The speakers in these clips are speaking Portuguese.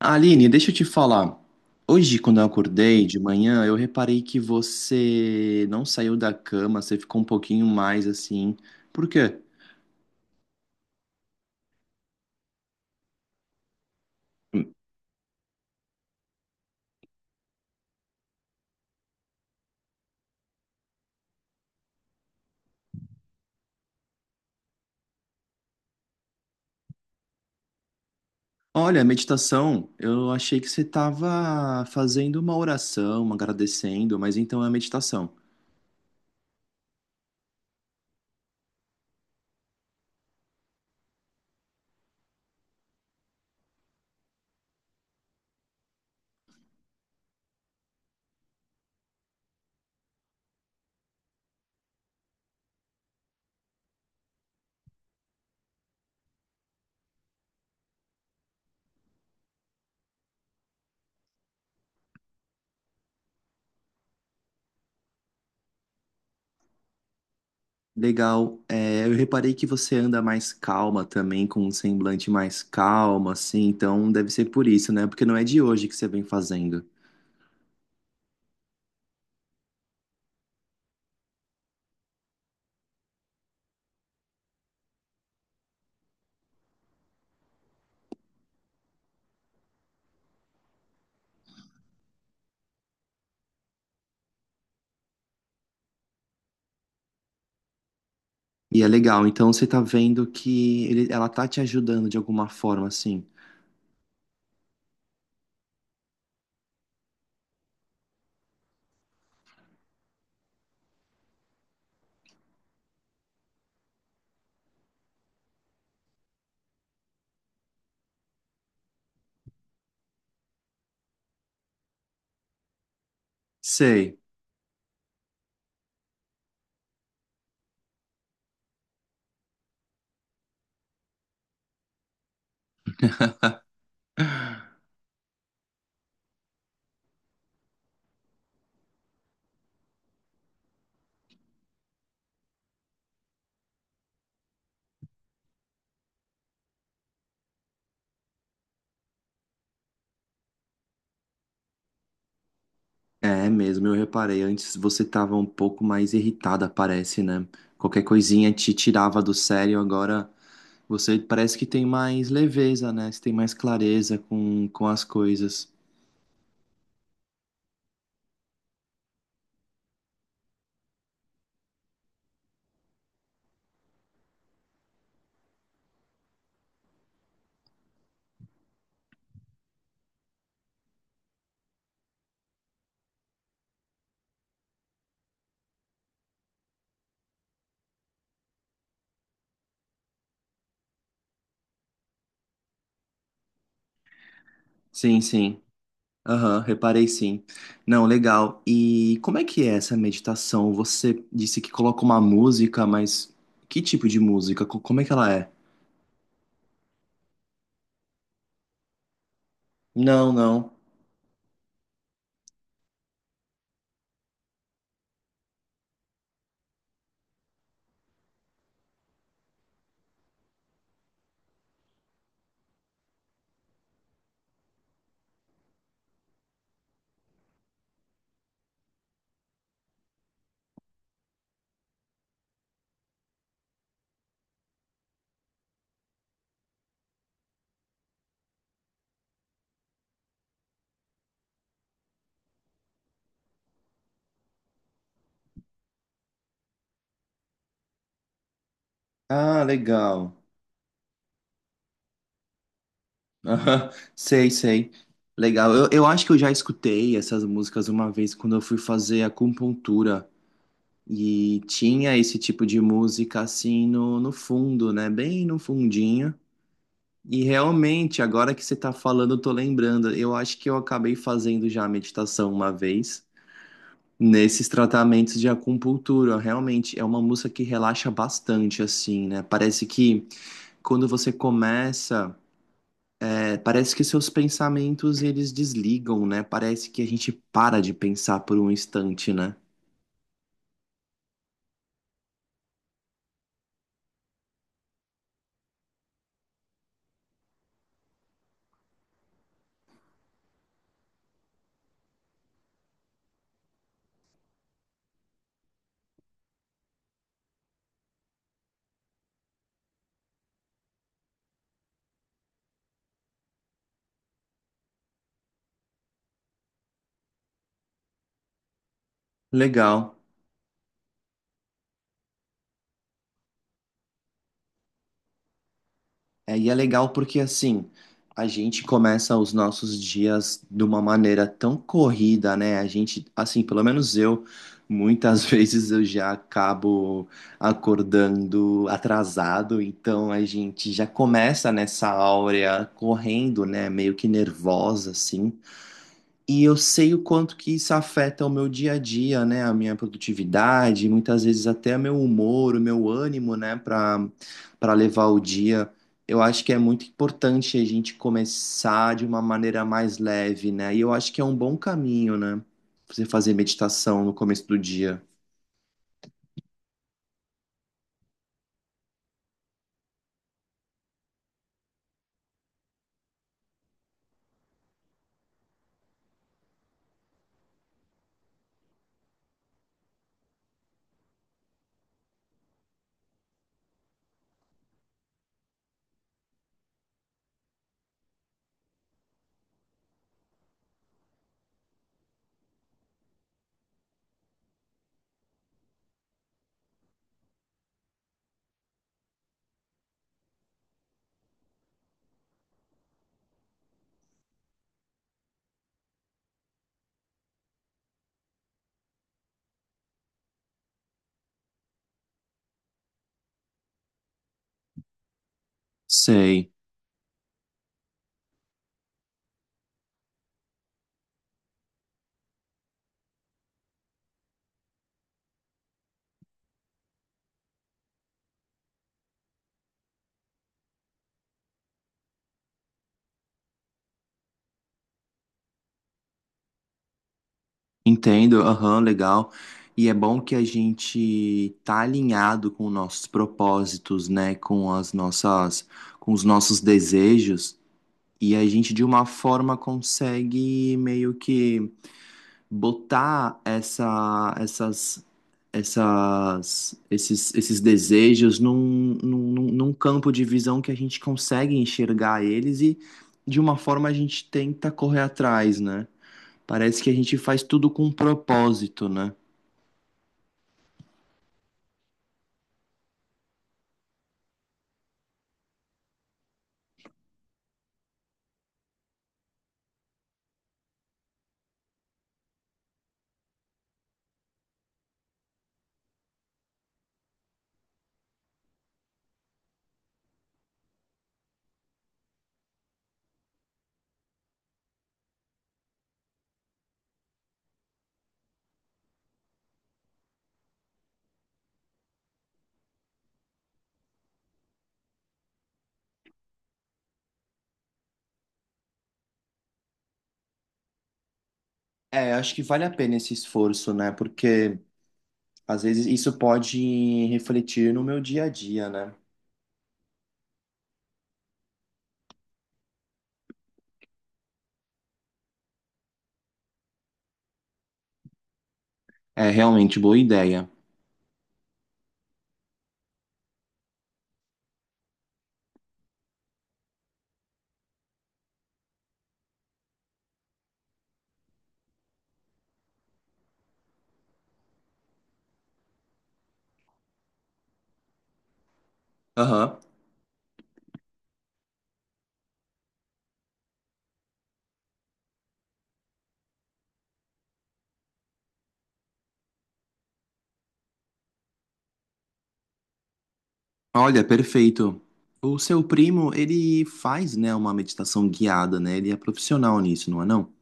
Aline, deixa eu te falar. Hoje, quando eu acordei de manhã, eu reparei que você não saiu da cama, você ficou um pouquinho mais assim. Por quê? Olha, meditação, eu achei que você estava fazendo uma oração, agradecendo, mas então é meditação. Legal. É, eu reparei que você anda mais calma também, com um semblante mais calmo, assim, então deve ser por isso, né? Porque não é de hoje que você vem fazendo. E é legal, então você tá vendo que ela tá te ajudando de alguma forma, assim. Sei, é mesmo, eu reparei. Antes você tava um pouco mais irritada, parece, né? Qualquer coisinha te tirava do sério, agora você parece que tem mais leveza, né? Você tem mais clareza com as coisas. Sim, sim. Aham, reparei sim. Não, legal. E como é que é essa meditação? Você disse que coloca uma música, mas que tipo de música? Como é que ela é? Não, não. Ah, legal. Aham, sei, sei. Legal. Eu acho que eu já escutei essas músicas uma vez quando eu fui fazer acupuntura. E tinha esse tipo de música assim no fundo, né? Bem no fundinho. E realmente, agora que você tá falando, eu tô lembrando. Eu acho que eu acabei fazendo já a meditação uma vez nesses tratamentos de acupuntura. Realmente é uma música que relaxa bastante, assim, né? Parece que quando você começa. É, parece que seus pensamentos eles desligam, né? Parece que a gente para de pensar por um instante, né? Legal. É, e é legal porque assim, a gente começa os nossos dias de uma maneira tão corrida, né? A gente, assim, pelo menos eu, muitas vezes eu já acabo acordando atrasado, então a gente já começa nessa áurea correndo, né? Meio que nervosa, assim. E eu sei o quanto que isso afeta o meu dia a dia, né? A minha produtividade, muitas vezes até meu humor, o meu ânimo, né? Para levar o dia. Eu acho que é muito importante a gente começar de uma maneira mais leve, né? E eu acho que é um bom caminho, né? Você fazer meditação no começo do dia. Sei, entendo, aham, legal. E é bom que a gente tá alinhado com nossos propósitos, né? Com as nossas, com os nossos desejos. E a gente, de uma forma, consegue meio que botar essa, essas, essas, esses, esses desejos num campo de visão que a gente consegue enxergar eles e, de uma forma, a gente tenta correr atrás, né? Parece que a gente faz tudo com um propósito, né? É, acho que vale a pena esse esforço, né? Porque às vezes isso pode refletir no meu dia a dia, né? É realmente boa ideia. Aham. Olha, perfeito. O seu primo, ele faz, né, uma meditação guiada, né? Ele é profissional nisso, não é não?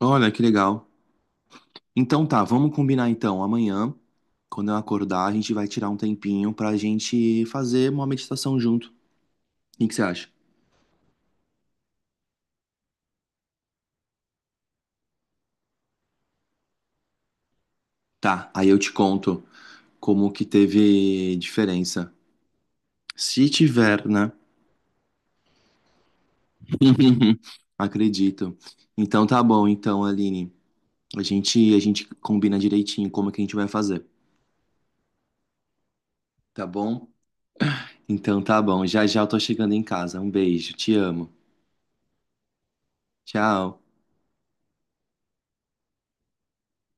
Olha, que legal. Então tá, vamos combinar então. Amanhã, quando eu acordar, a gente vai tirar um tempinho pra gente fazer uma meditação junto. O que que você acha? Tá, aí eu te conto como que teve diferença. Se tiver, né? Acredito. Então tá bom, então, Aline. A gente combina direitinho como que a gente vai fazer, tá bom? Então tá bom, já já eu tô chegando em casa. Um beijo, te amo. Tchau.